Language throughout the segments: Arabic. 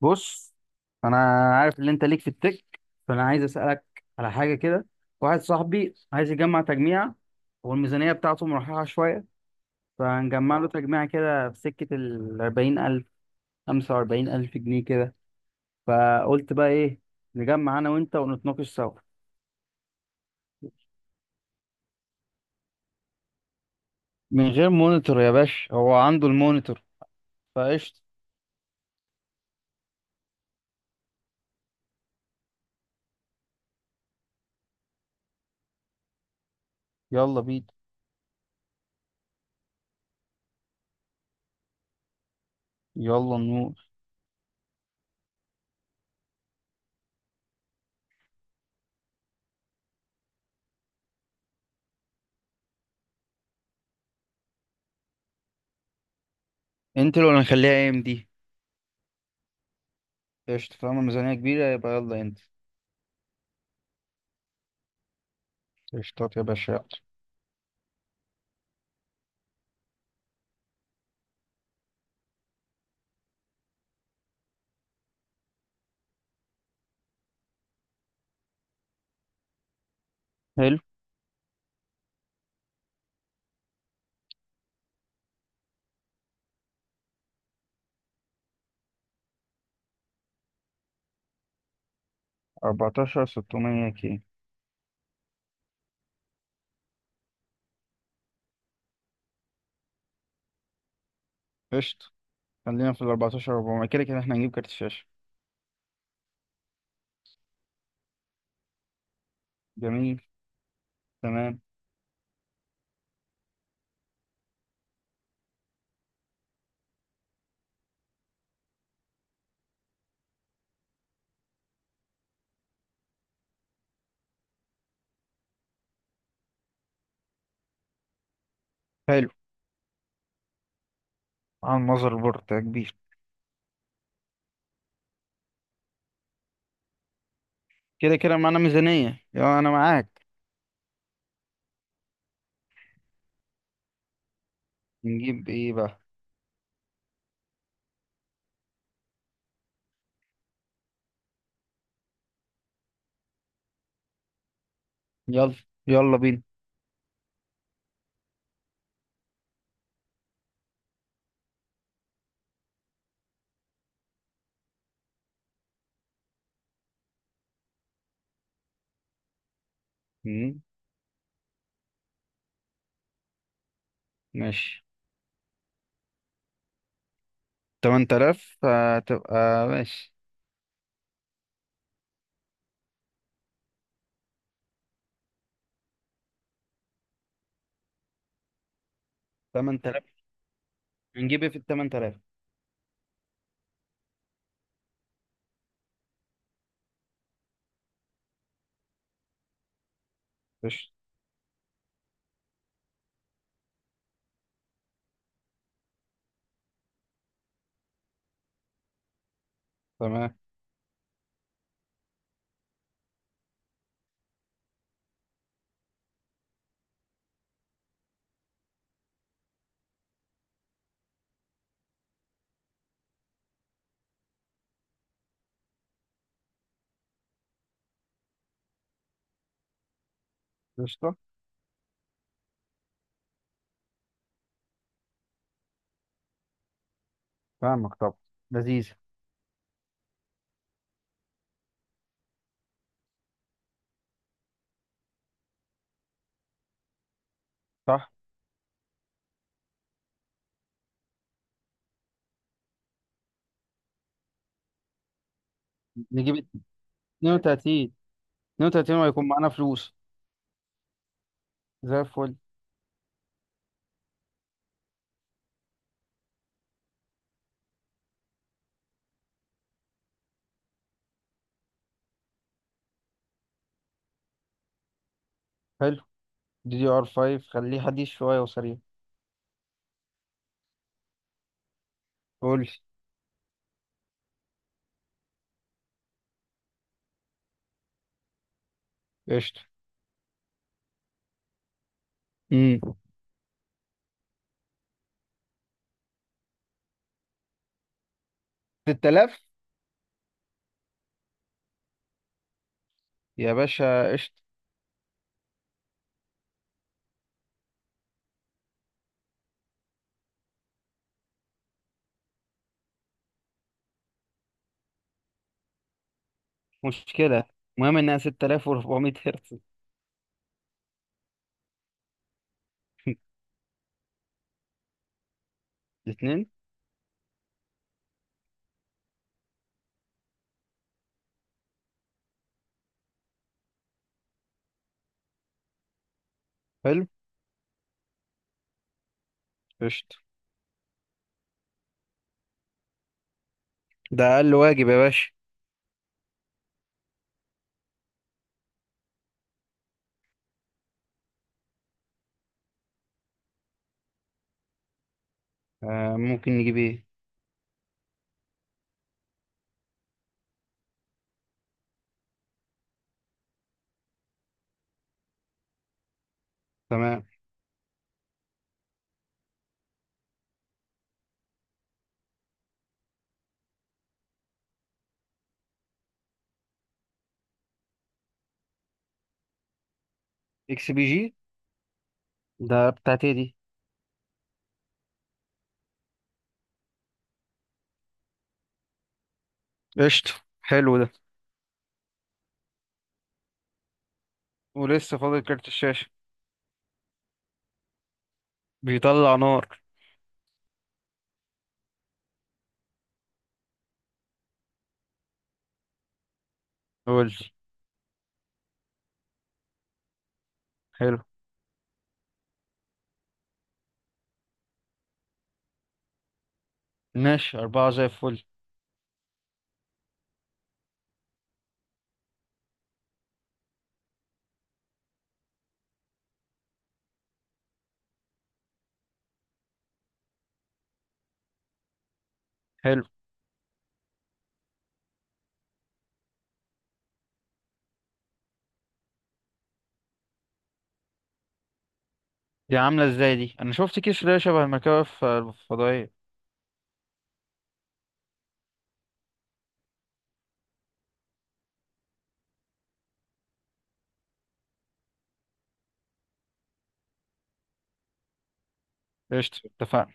بص، انا عارف ان انت ليك في التك، فانا عايز اسالك على حاجه كده. واحد صاحبي عايز يجمع تجميع والميزانيه بتاعته مرحله شويه، فهنجمع له تجميع كده في سكه ال 40000 45000 جنيه كده. فقلت بقى ايه، نجمع انا وانت ونتناقش سوا. من غير مونيتور يا باشا، هو عنده المونيتور فقشطه. يلا بينا. يلا نور. انت لو هنخليها ام دي، قشطه. طالما الميزانيه كبيره يبقى يلا انت. قشطات يا باشا، يلا. حلو. 14600K. قشطة. خلينا في 14400، كده كده احنا هنجيب كارت شاشة. جميل. تمام. حلو. على المذر بورد ده كبير. كده كده معانا ميزانية، يلا أنا معاك. نجيب إيه بقى؟ يلا، يلا بينا. مم. ماشي. 8000 هتبقى ماشي. 8000. هنجيب إيه في 8000؟ قشطة. تمام. قشطة. فاهمك طبعا. لذيذة. صح. نجيب 32. 32 وهيكون معانا فلوس زي الفل. حلو. دي دي ار 5 خليه حديث شوية وسريع. قول لي. قشطة. امم 6000 يا باشا، قشطة. مشكلة. المهم انها 6400 هرتز. الاثنين. حلو. قشطة. ده اقل واجب يا باشا. آه، ممكن نجيب ايه؟ تمام. اكس بي جي. ده بتاعتي دي. قشطة. حلو ده. ولسه فاضل كارت الشاشة. بيطلع نار. قول لي. حلو. ماشي، أربعة زي الفل. حلو. دي عاملة ازاي دي؟ أنا شفت كيس اللي هي شبه المكوف الفضائية. قشطة اتفقنا.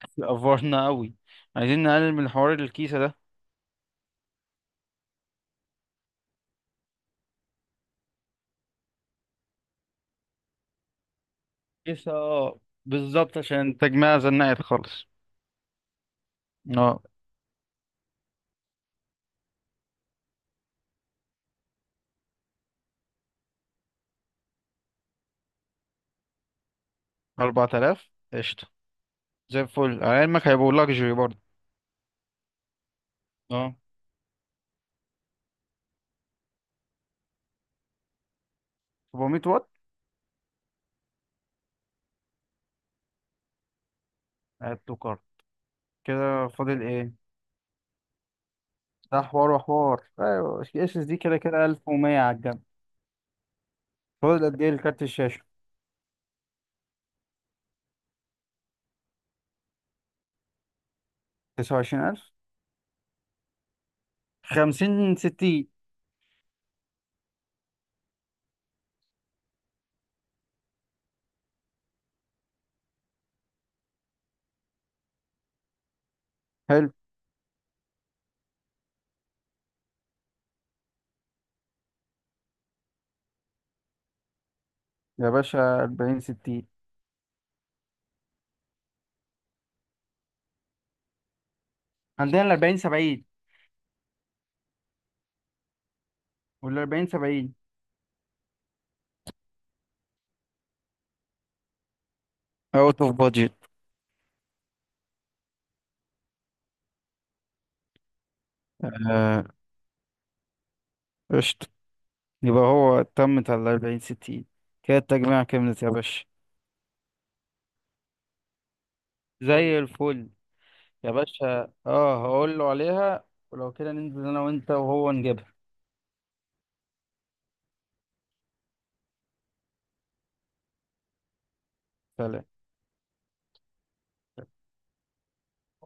أفورنا أوي. عايزين نقلل من حوار الكيسة ده. كيسة، اه. بالظبط، عشان تجميع زنقت خالص. اه، 4000 قشطة. زي الفل، على علمك هيبقوا لاكجري برضه. اه، 400 واط. عدتوا كارت. كده فاضل ايه؟ ده حوار وحوار، ايوه اس اس دي كده كده 1100 على الجنب. فاضل قد ايه لكارت الشاشة؟ 29000. 50 60. حلو. يا باشا، 40 60. عندنا ال 40 70. وال 40 70 اوت اوف بادجت. قشطة. يبقى هو تمت على 4060. كده التجميع كملت يا باشا. زي الفل. يا باشا، اه، هقول له عليها. ولو كده ننزل انا وانت وهو نجيبها. سلام.